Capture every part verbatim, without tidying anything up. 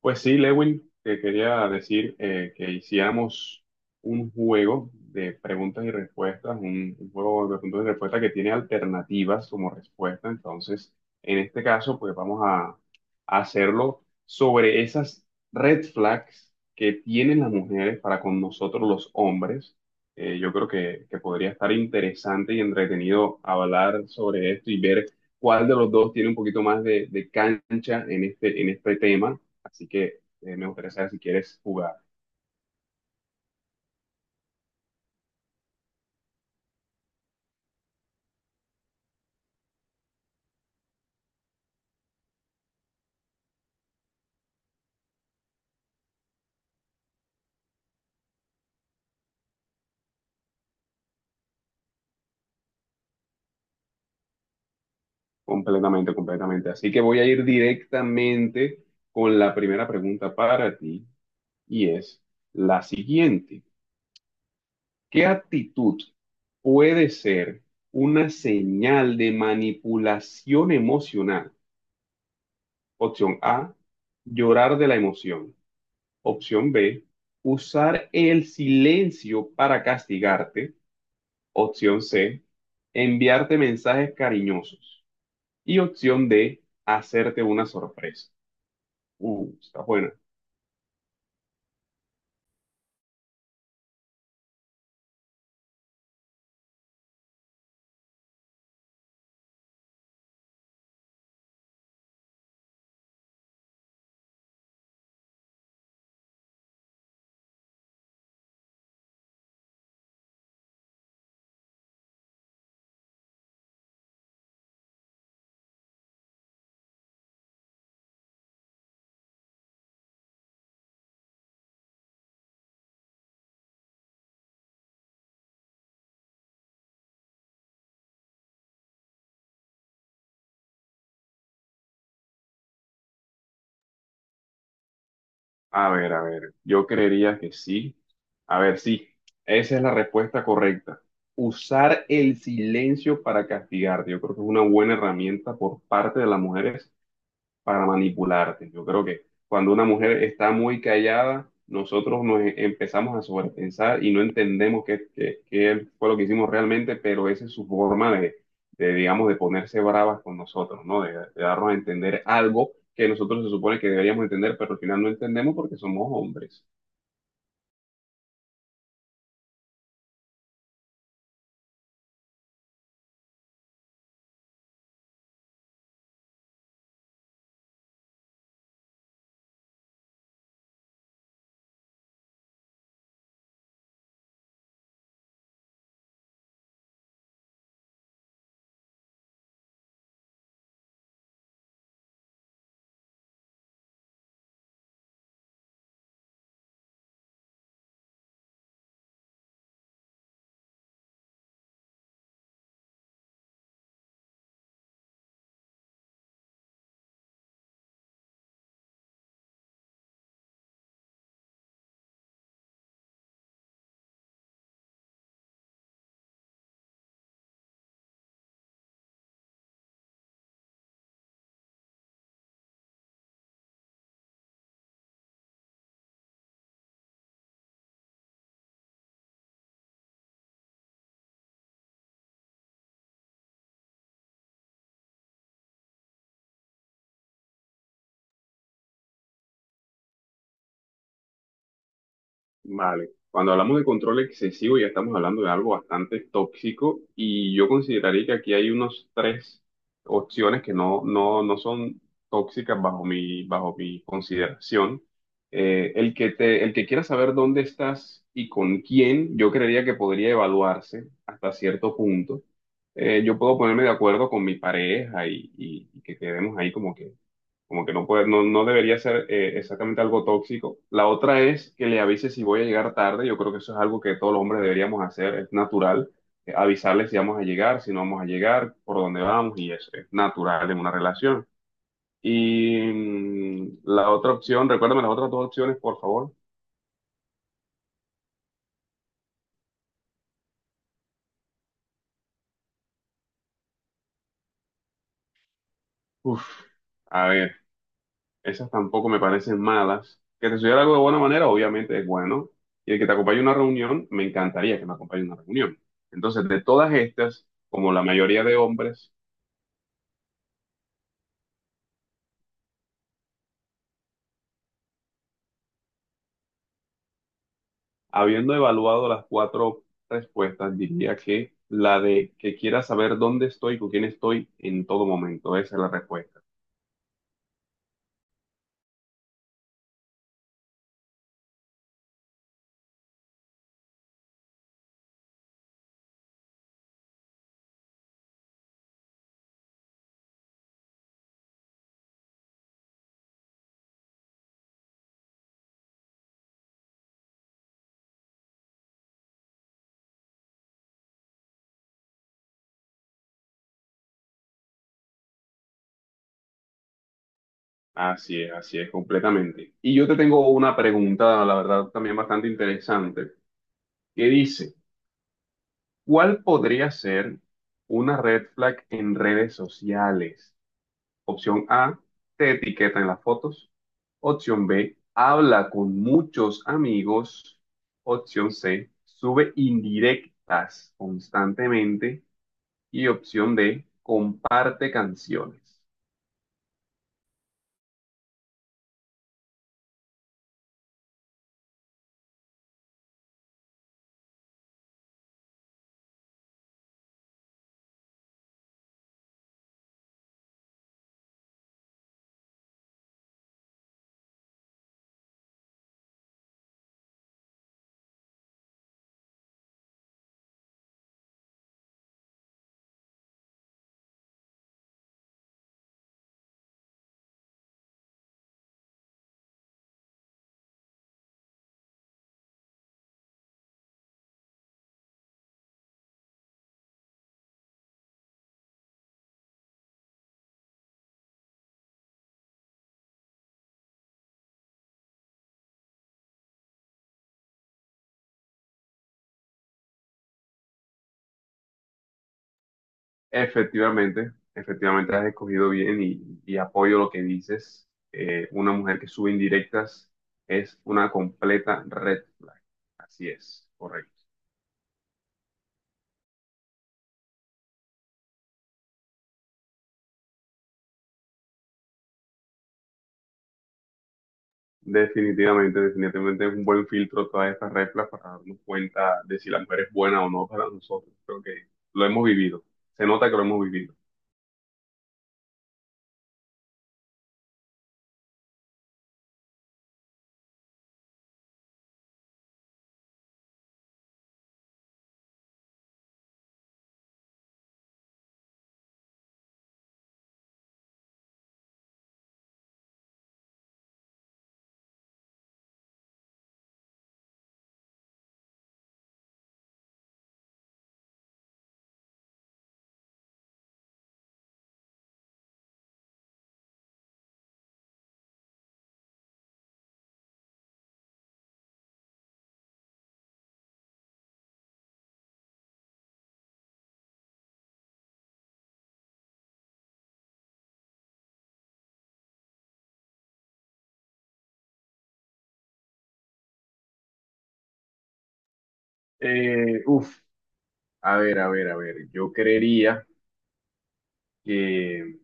Pues sí, Lewin, te quería decir eh, que hiciéramos un juego de preguntas y respuestas, un, un juego de preguntas y respuestas que tiene alternativas como respuesta. Entonces, en este caso, pues vamos a, a hacerlo sobre esas red flags que tienen las mujeres para con nosotros los hombres. Eh, yo creo que, que podría estar interesante y entretenido hablar sobre esto y ver cuál de los dos tiene un poquito más de, de cancha en este, en este tema. Así que eh, me gustaría saber si quieres jugar. Completamente, completamente. Así que voy a ir directamente con la primera pregunta para ti y es la siguiente. ¿Qué actitud puede ser una señal de manipulación emocional? Opción A, llorar de la emoción. Opción B, usar el silencio para castigarte. Opción C, enviarte mensajes cariñosos. Y opción D, hacerte una sorpresa. Uh, está buena. A ver, a ver, yo creería que sí. A ver, sí, esa es la respuesta correcta. Usar el silencio para castigarte. Yo creo que es una buena herramienta por parte de las mujeres para manipularte. Yo creo que cuando una mujer está muy callada, nosotros nos e- empezamos a sobrepensar y no entendemos qué, qué- qué fue lo que hicimos realmente, pero esa es su forma de, de, digamos, de ponerse bravas con nosotros, ¿no? De, de darnos a entender algo que nosotros se supone que deberíamos entender, pero al final no entendemos porque somos hombres. Vale, cuando hablamos de control excesivo ya estamos hablando de algo bastante tóxico y yo consideraría que aquí hay unos tres opciones que no, no, no son tóxicas bajo mi, bajo mi consideración. Eh, el que te, el que quiera saber dónde estás y con quién, yo creería que podría evaluarse hasta cierto punto. Eh, yo puedo ponerme de acuerdo con mi pareja y, y y que quedemos ahí como que como que no puede, no, no debería ser eh, exactamente algo tóxico. La otra es que le avise si voy a llegar tarde. Yo creo que eso es algo que todos los hombres deberíamos hacer. Es natural, eh, avisarle si vamos a llegar, si no vamos a llegar, por dónde vamos, y eso es natural en una relación. Y mm, la otra opción, recuérdame las otras dos opciones, por favor. Uf, a ver. Esas tampoco me parecen malas. Que te sugiera algo de buena manera, obviamente es bueno. Y el que te acompañe a una reunión, me encantaría que me acompañe a una reunión. Entonces, de todas estas, como la mayoría de hombres, habiendo evaluado las cuatro respuestas, diría que la de que quiera saber dónde estoy, con quién estoy en todo momento. Esa es la respuesta. Así es, así es, completamente. Y yo te tengo una pregunta, la verdad, también bastante interesante, que dice... ¿Cuál podría ser una red flag en redes sociales? Opción A, te etiqueta en las fotos. Opción B, habla con muchos amigos. Opción C, sube indirectas constantemente. Y opción D, comparte canciones. Efectivamente, efectivamente has escogido bien y, y apoyo lo que dices. Eh, una mujer que sube indirectas es una completa red flag. Así es, correcto. Definitivamente, definitivamente es un buen filtro todas estas reglas para darnos cuenta de si la mujer es buena o no para nosotros. Creo que lo hemos vivido. Se nota que lo hemos vivido. Eh, uf, a ver, a ver, a ver. Yo creería que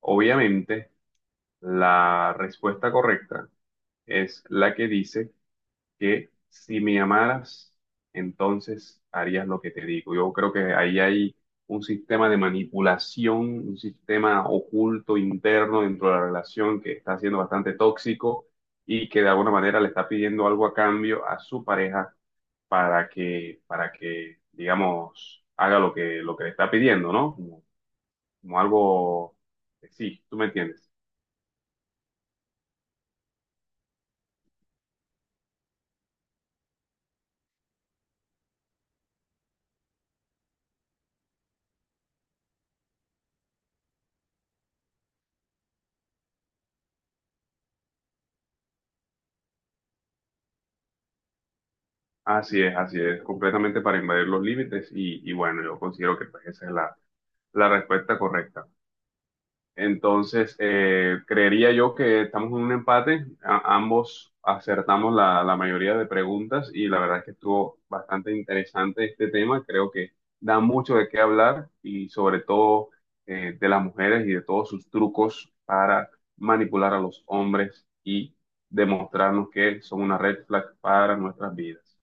obviamente la respuesta correcta es la que dice que si me amaras, entonces harías lo que te digo. Yo creo que ahí hay un sistema de manipulación, un sistema oculto interno dentro de la relación que está siendo bastante tóxico y que de alguna manera le está pidiendo algo a cambio a su pareja para que, para que, digamos, haga lo que, lo que le está pidiendo, ¿no? Como, como algo, sí, tú me entiendes. Así es, así es, completamente para invadir los límites y, y bueno, yo considero que pues, esa es la, la respuesta correcta. Entonces, eh, creería yo que estamos en un empate. A- ambos acertamos la, la mayoría de preguntas y la verdad es que estuvo bastante interesante este tema. Creo que da mucho de qué hablar y sobre todo, eh, de las mujeres y de todos sus trucos para manipular a los hombres y demostrarnos que son una red flag para nuestras vidas.